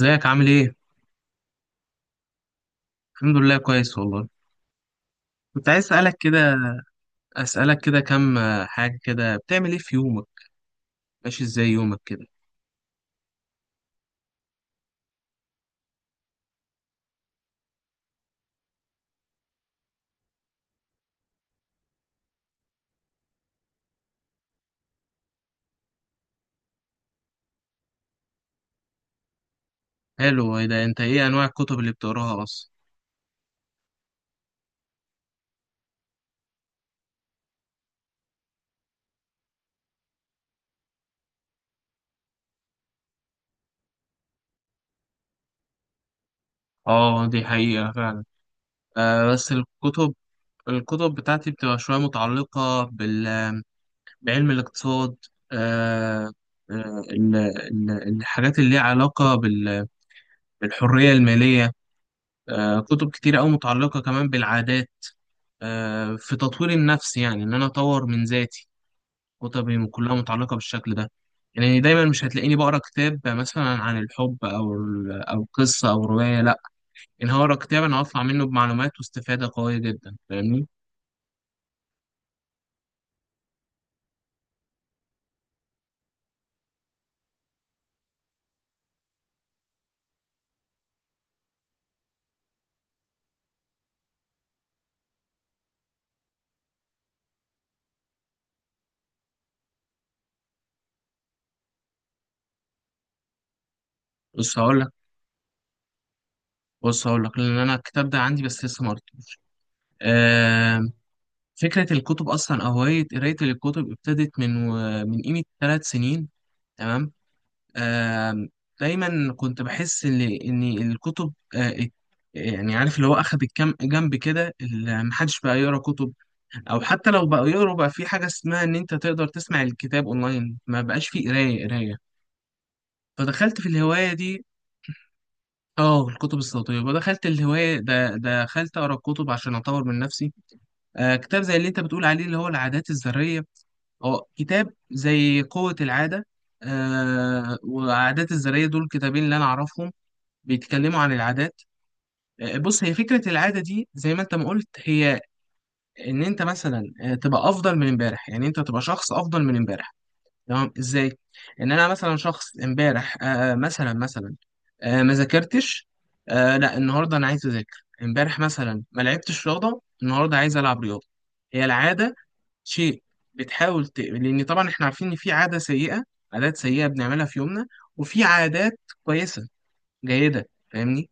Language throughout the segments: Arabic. ازيك عامل ايه؟ الحمد لله كويس والله. كنت عايز اسألك كده كام، حاجة كده بتعمل ايه في يومك؟ ماشي ازاي يومك كده؟ حلو. ايه ده؟ انت ايه انواع الكتب اللي بتقراها اصلا؟ اه، دي حقيقة فعلا. بس الكتب، الكتب بتاعتي بتبقى شوية متعلقة بعلم الاقتصاد. آه آه، ال- ال- الحاجات اللي ليها علاقة بالحرية المالية، كتب كتير أوي متعلقة كمان بالعادات، في تطوير النفس، يعني إن أنا أطور من ذاتي. كتبي كلها متعلقة بالشكل ده. يعني دايما مش هتلاقيني بقرا كتاب مثلا عن الحب او او قصه او روايه، لا. ان هقرا كتاب انا هطلع منه بمعلومات واستفاده قويه جدا، فاهمني؟ بص هقول لك بص هقول لك لان انا الكتاب ده عندي بس لسه ما قريتوش. آم، فكره الكتب اصلا او هوايه قرايه الكتب ابتدت من قيمه 3 سنين. تمام. آم، دايما كنت بحس ان الكتب، يعني عارف اللي هو اخد الكم جنب كده، محدش بقى يقرا كتب، او حتى لو بقوا يقروا بقى في حاجه اسمها ان انت تقدر تسمع الكتاب اونلاين، ما بقاش فيه قرايه قرايه. فدخلت في الهوايه دي. اه، الكتب الصوتيه، ودخلت الهوايه ده، دخلت اقرا كتب عشان اطور من نفسي. كتاب زي اللي انت بتقول عليه اللي هو العادات الذريه، اه كتاب زي قوه العاده. وعادات الذريه دول كتابين اللي انا اعرفهم، بيتكلموا عن العادات. بص، هي فكرة العادة دي زي ما انت ما قلت، هي ان انت مثلا تبقى افضل من امبارح، يعني انت تبقى شخص افضل من امبارح. تمام؟ ازاي؟ ان انا مثلا شخص امبارح، مثلا، ما ذاكرتش، لا، النهارده انا عايز اذاكر. امبارح مثلا ما لعبتش رياضه، النهارده عايز العب رياضه. هي العاده شيء، لان طبعا احنا عارفين ان في عاده سيئه، عادات سيئه بنعملها في يومنا، وفي عادات كويسه جيده، فاهمني؟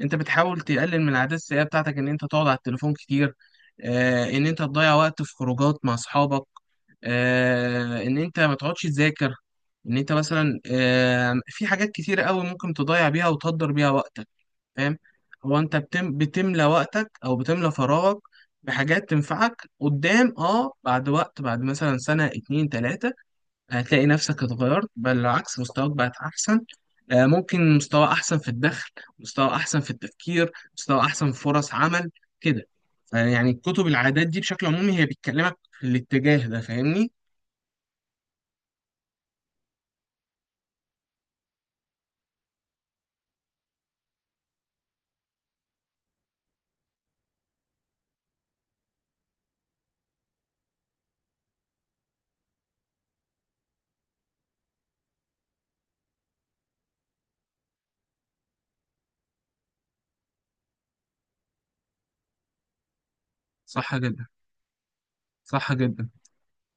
انت بتحاول تقلل من العادات السيئة بتاعتك، ان انت تقعد على التليفون كتير، ان انت تضيع وقت في خروجات مع اصحابك، ان انت ما تقعدش تذاكر، ان انت مثلا في حاجات كتير قوي ممكن تضيع بيها وتهدر بيها وقتك، فاهم؟ هو انت بتملى وقتك او بتملى فراغك بحاجات تنفعك قدام، بعد وقت، بعد مثلا سنة اتنين تلاتة، هتلاقي نفسك اتغيرت، بل العكس، مستواك بقت أحسن. ممكن مستوى أحسن في الدخل، مستوى أحسن في التفكير، مستوى أحسن في فرص عمل، كده. يعني كتب العادات دي بشكل عمومي هي بتكلمك في الاتجاه ده، فاهمني؟ صح جدا. صح جدا.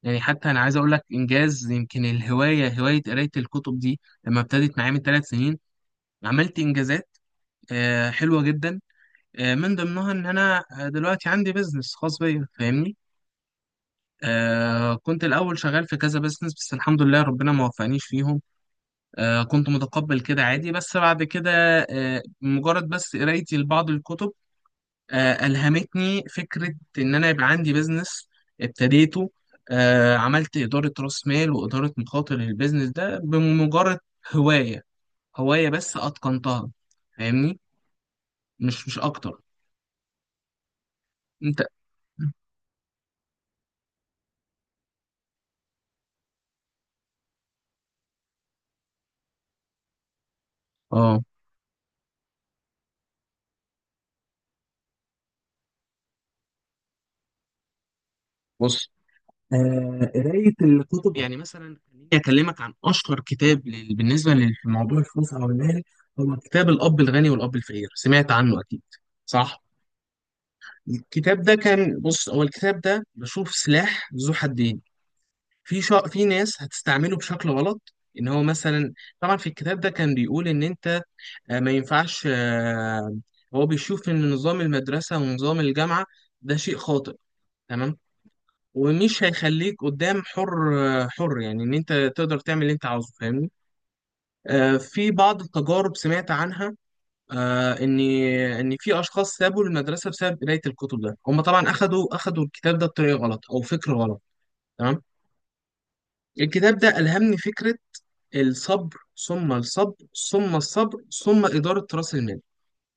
يعني حتى أنا عايز أقول لك إنجاز، يمكن الهواية، هواية قراية الكتب دي لما ابتدت معايا من 3 سنين، عملت إنجازات حلوة جدا. من ضمنها إن أنا دلوقتي عندي بيزنس خاص بيا، فاهمني؟ كنت الأول شغال في كذا بزنس بس الحمد لله ربنا ما وفقنيش فيهم. كنت متقبل كده عادي، بس بعد كده مجرد بس قرايتي لبعض الكتب ألهمتني فكرة إن أنا يبقى عندي بزنس، ابتديته. عملت إدارة رأس مال وإدارة مخاطر للبزنس ده، بمجرد هواية هواية بس أتقنتها، فاهمني؟ مش أكتر. أنت، آه بص، قراية الكتب، يعني مثلا خليني أكلمك عن أشهر كتاب بالنسبة لموضوع الفلوس أو المال، هو كتاب الأب الغني والأب الفقير، سمعت عنه أكيد، صح؟ الكتاب ده كان بص، هو الكتاب ده بشوف سلاح ذو حدين. في ناس هتستعمله بشكل غلط، إن هو مثلا، طبعا في الكتاب ده كان بيقول إن أنت ما ينفعش، هو بيشوف إن نظام المدرسة ونظام الجامعة ده شيء خاطئ، تمام، ومش هيخليك قدام حر. حر يعني ان انت تقدر تعمل اللي انت عاوزه، فاهمني؟ في بعض التجارب سمعت عنها، آه، ان ان في اشخاص سابوا المدرسه بسبب قرايه الكتب، ده هم طبعا اخدوا الكتاب ده بطريقه غلط او فكر غلط، تمام. الكتاب ده الهمني فكره الصبر، ثم الصبر، ثم الصبر، ثم اداره راس المال.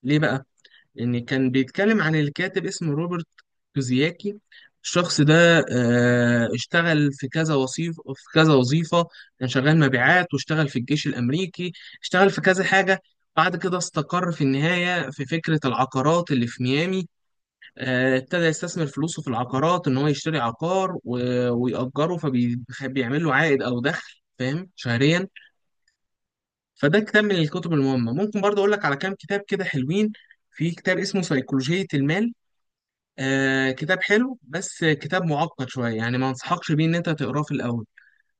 ليه بقى؟ يعني كان بيتكلم عن الكاتب، اسمه روبرت كوزياكي. الشخص ده اشتغل في كذا وظيفة، في كذا وظيفة، كان شغال مبيعات، واشتغل في الجيش الأمريكي، اشتغل في كذا حاجة. بعد كده استقر في النهاية في فكرة العقارات اللي في ميامي. ابتدى يستثمر فلوسه في العقارات، إن هو يشتري عقار ويأجره، فبيعمل له عائد أو دخل، فاهم، شهريا. فده كتاب من الكتب المهمة. ممكن برضه أقول لك على كام كتاب كده حلوين. في كتاب اسمه سيكولوجية المال، كتاب حلو بس كتاب معقد شوية، يعني ما انصحكش بيه ان انت تقراه في الاول،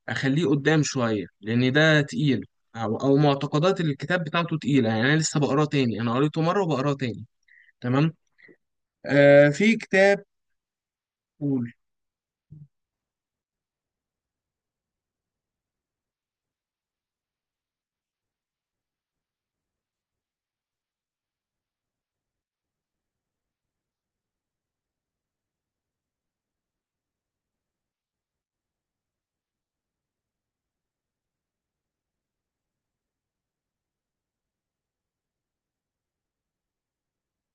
اخليه قدام شوية لان ده تقيل، او معتقدات الكتاب بتاعته تقيلة، يعني انا لسه بقراه تاني، انا قريته مرة وبقراه تاني، تمام. في كتاب. قول.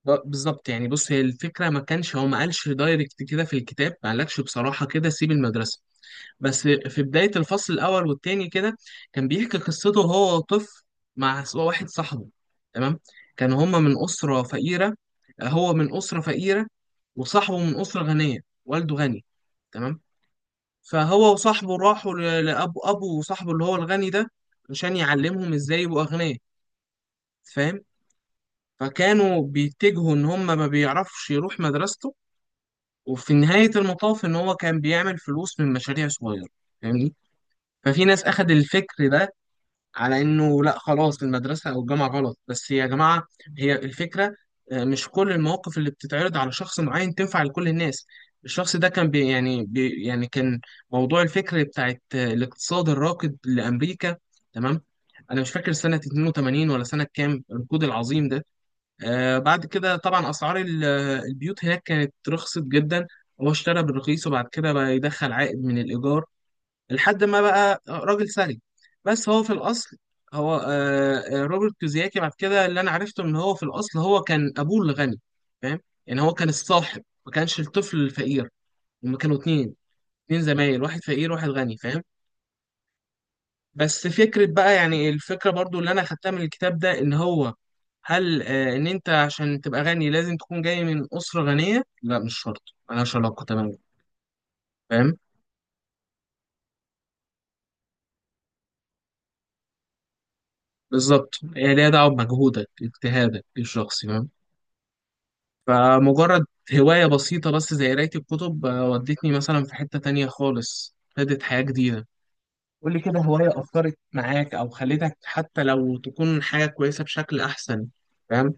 بالظبط، يعني بص، هي الفكرة، ما كانش هو ما قالش دايركت كده في الكتاب، ما قالكش بصراحة كده سيب المدرسة، بس في بداية الفصل الأول والتاني كده كان بيحكي قصته، هو طفل مع واحد صاحبه، تمام. كان هما من أسرة فقيرة، هو من أسرة فقيرة، وصاحبه من أسرة غنية، والده غني، تمام. فهو وصاحبه راحوا لأبو صاحبه اللي هو الغني ده، عشان يعلمهم إزاي يبقوا أغنياء، فاهم؟ فكانوا بيتجهوا إن هما ما بيعرفش يروح مدرسته، وفي نهاية المطاف إن هو كان بيعمل فلوس من مشاريع صغيرة، فاهمني؟ ففي ناس أخد الفكر ده على انه لا خلاص، المدرسه او الجامعه غلط. بس يا جماعه، هي الفكره، مش كل المواقف اللي بتتعرض على شخص معين تنفع لكل الناس. الشخص ده كان بي يعني بي يعني كان موضوع الفكر بتاعت الاقتصاد الراكد لامريكا، تمام. انا مش فاكر سنه 82 ولا سنه كام الركود العظيم ده. بعد كده طبعا اسعار البيوت هناك كانت رخصت جدا، هو اشترى بالرخيص وبعد كده بقى يدخل عائد من الايجار لحد ما بقى راجل سلج. بس هو في الأصل، هو روبرت كيوساكي، بعد كده اللي أنا عرفته إن هو في الأصل هو كان أبوه الغني، فاهم؟ يعني هو كان الصاحب، ما كانش الطفل الفقير. هما كانوا اتنين، اتنين زمايل، واحد فقير واحد غني، فاهم؟ بس فكرة بقى، يعني الفكرة برضو اللي أنا خدتها من الكتاب ده، إن هو هل إن أنت عشان تبقى غني لازم تكون جاي من أسرة غنية؟ لا، مش شرط، ملهاش علاقة تماما، فاهم؟ بالظبط، هي ليها دعوة بمجهودك، اجتهادك الشخصي، فاهم؟ فمجرد هواية بسيطة بس زي قراية الكتب ودتني مثلا في حتة تانية خالص، ابتدت حياة جديدة. قول لي كده هواية أثرت معاك أو خلتك حتى لو تكون حاجة كويسة بشكل أحسن، فاهم؟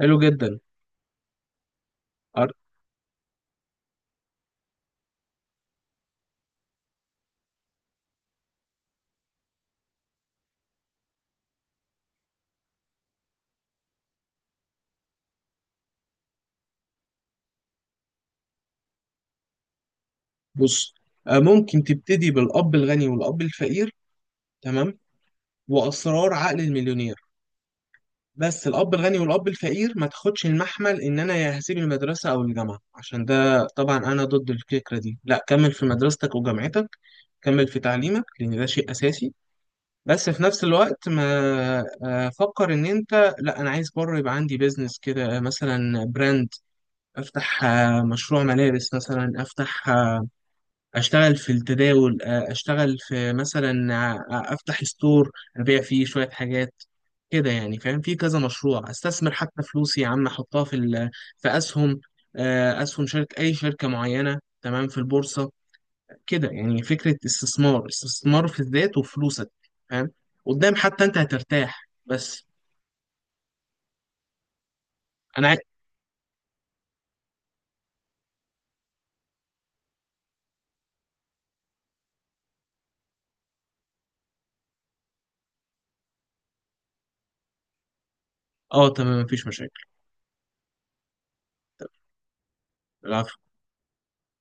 حلو جدا. أر- بص، ممكن تبتدي بالأب الغني والأب الفقير، تمام، وأسرار عقل المليونير. بس الأب الغني والأب الفقير ما تاخدش المحمل إن أنا يا هسيب المدرسة أو الجامعة، عشان ده طبعا أنا ضد الفكرة دي. لا، كمل في مدرستك وجامعتك، كمل في تعليمك لأن ده شيء أساسي. بس في نفس الوقت ما، فكر إن أنت، لا، أنا عايز بره يبقى عندي بيزنس كده، مثلا براند، أفتح مشروع ملابس مثلا، أفتح، أشتغل في التداول، أشتغل في مثلا أفتح ستور أبيع فيه شوية حاجات كده، يعني، فاهم؟ في كذا مشروع، استثمر حتى فلوسي يا عم، احطها في اسهم، اسهم شركه، اي شركه معينه، تمام، في البورصه، كده، يعني فكرة استثمار في الذات وفلوسك، فاهم؟ قدام حتى انت هترتاح. بس انا عاي... اه، تمام، مفيش مشاكل. العفو.